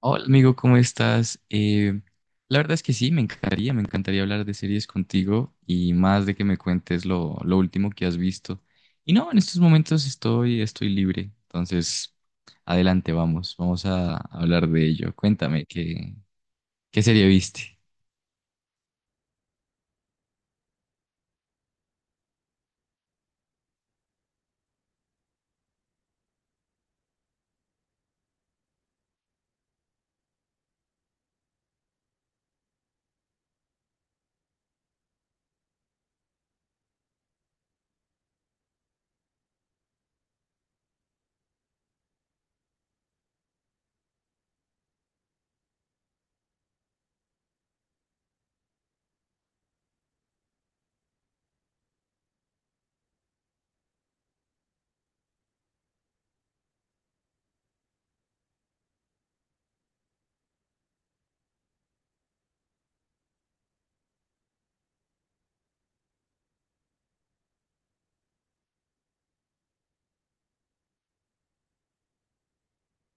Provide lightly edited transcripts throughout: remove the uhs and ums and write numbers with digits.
Hola amigo, ¿cómo estás? La verdad es que sí, me encantaría hablar de series contigo y más de que me cuentes lo último que has visto. Y no, en estos momentos estoy libre, entonces adelante, vamos a hablar de ello. Cuéntame, ¿qué serie viste?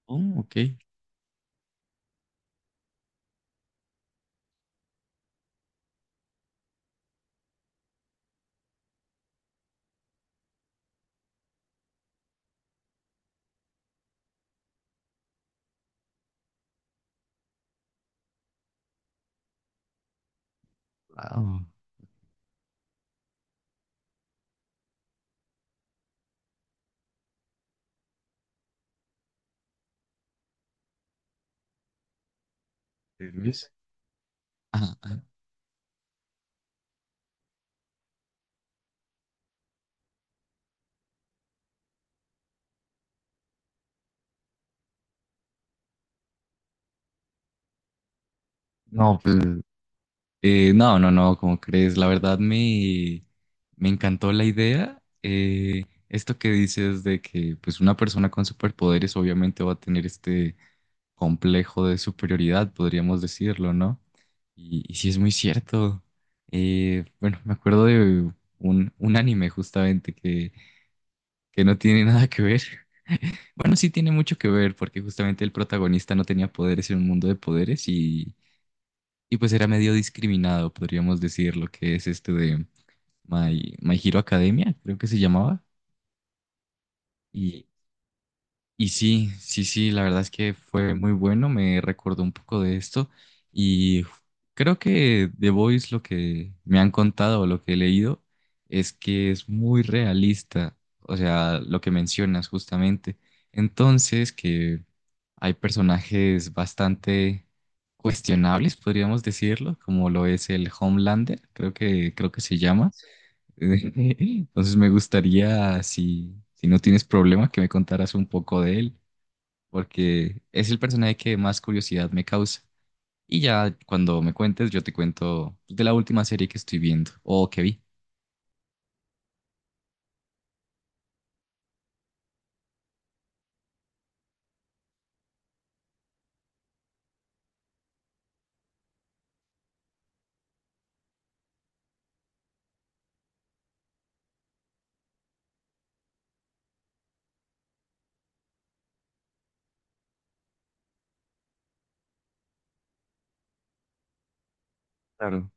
Oh, ok. Wow. Luis. Ajá, ajá. No, pues no, no, no, ¿cómo crees? Me encantó la idea. Esto que dices de que pues una persona con superpoderes obviamente va a tener este complejo de superioridad, podríamos decirlo, ¿no? Y sí es muy cierto. Bueno, me acuerdo de un anime justamente que no tiene nada que ver. Bueno, sí tiene mucho que ver porque justamente el protagonista no tenía poderes en un mundo de poderes y pues era medio discriminado, podríamos decir, lo que es este de My Hero Academia, creo que se llamaba. Y y sí, sí, sí, la verdad es que fue muy bueno, me recordó un poco de esto y creo que The Voice lo que me han contado o lo que he leído es que es muy realista, o sea, lo que mencionas justamente. Entonces, que hay personajes bastante cuestionables, podríamos decirlo, como lo es el Homelander, creo que se llama. Entonces, me gustaría si si no tienes problema que me contaras un poco de él porque es el personaje que más curiosidad me causa. Y ya cuando me cuentes, yo te cuento de la última serie que estoy viendo o que vi. Claro.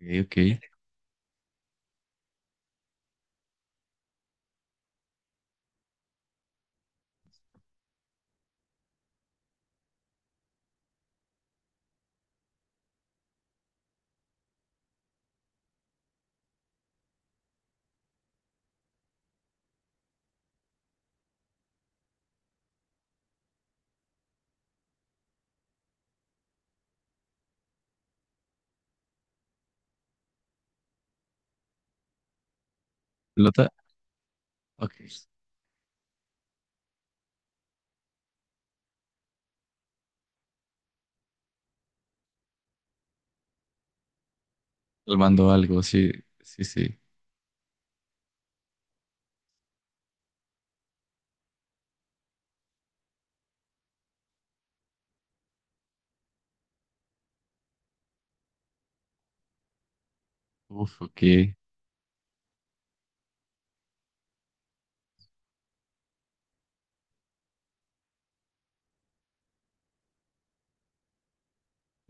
Ok, ok. Lota, ok. Salvando algo, sí, sí, sí. Uf, ok.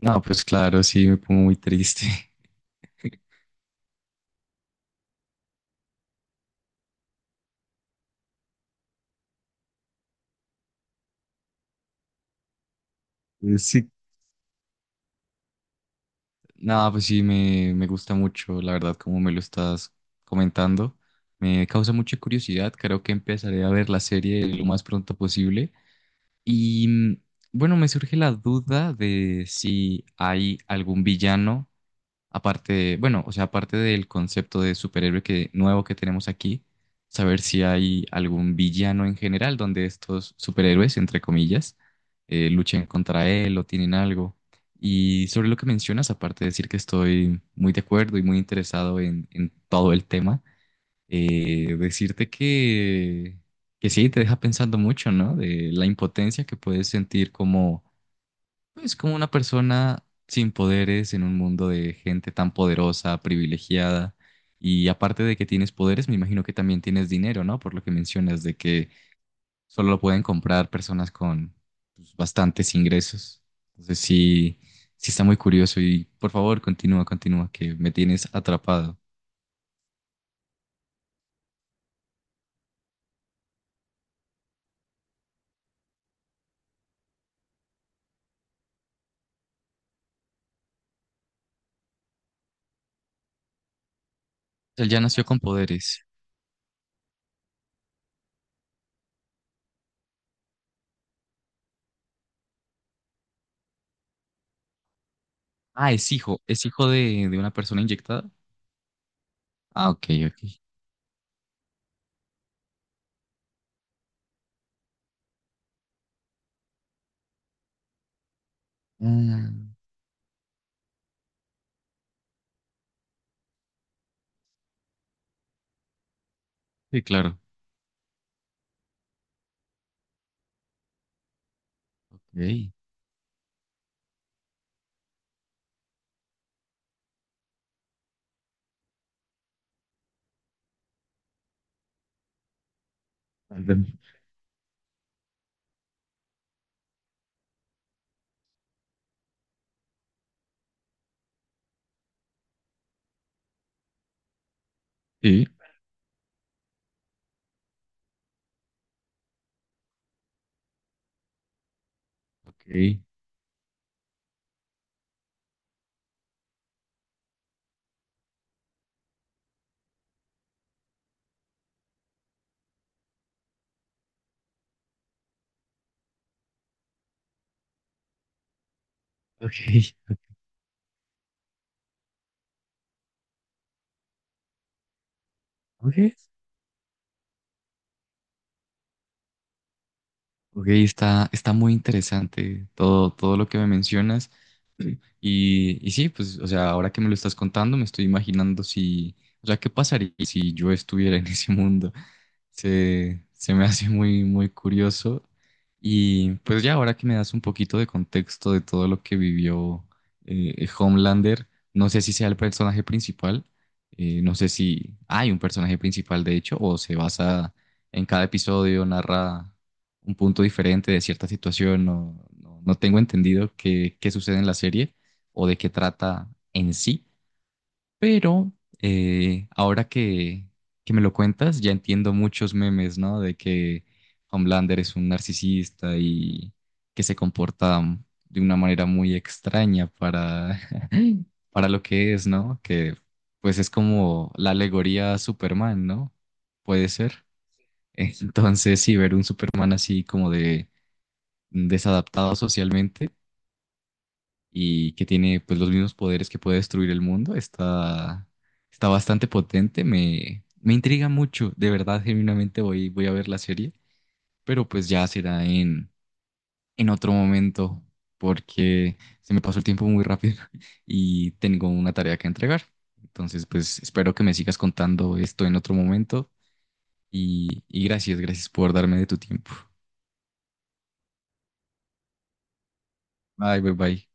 No, pues claro, sí, me pongo muy triste. Sí. No, pues sí, me gusta mucho, la verdad, como me lo estás comentando. Me causa mucha curiosidad. Creo que empezaré a ver la serie lo más pronto posible. Y bueno, me surge la duda de si hay algún villano, aparte de- bueno, o sea, aparte del concepto de superhéroe que, nuevo que tenemos aquí, saber si hay algún villano en general donde estos superhéroes, entre comillas, luchen contra él o tienen algo. Y sobre lo que mencionas, aparte de decir que estoy muy de acuerdo y muy interesado en todo el tema, eh, decirte que sí, te deja pensando mucho, ¿no? De la impotencia que puedes sentir como, pues, como una persona sin poderes en un mundo de gente tan poderosa, privilegiada. Y aparte de que tienes poderes, me imagino que también tienes dinero, ¿no? Por lo que mencionas de que solo lo pueden comprar personas con pues, bastantes ingresos. Entonces sí, sí está muy curioso y por favor, continúa, que me tienes atrapado. Él ya nació con poderes. Ah, es hijo de una persona inyectada. Ah, ok, ok. Ah, sí, claro. Ok. Enten- sí, ok. Ok. Ok. Ok, está muy interesante todo, todo lo que me mencionas. Y, y sí, pues, o sea, ahora que me lo estás contando, me estoy imaginando si, o sea, qué pasaría si yo estuviera en ese mundo. Se me hace muy, muy curioso. Y pues ya ahora que me das un poquito de contexto de todo lo que vivió Homelander, no sé si sea el personaje principal, no sé si hay un personaje principal de hecho, o se basa en cada episodio, narra un punto diferente de cierta situación. No, no, no tengo entendido qué sucede en la serie o de qué trata en sí, pero ahora que me lo cuentas, ya entiendo muchos memes, ¿no? De que Homelander es un narcisista y que se comporta de una manera muy extraña para, para lo que es, ¿no? Que pues es como la alegoría a Superman, ¿no? Puede ser. Entonces, sí, ver un Superman así como de desadaptado socialmente y que tiene pues los mismos poderes que puede destruir el mundo. Está bastante potente, me intriga mucho, de verdad, genuinamente voy a ver la serie, pero pues ya será en otro momento porque se me pasó el tiempo muy rápido y tengo una tarea que entregar. Entonces, pues espero que me sigas contando esto en otro momento y gracias, gracias por darme de tu tiempo. Bye, bye, bye.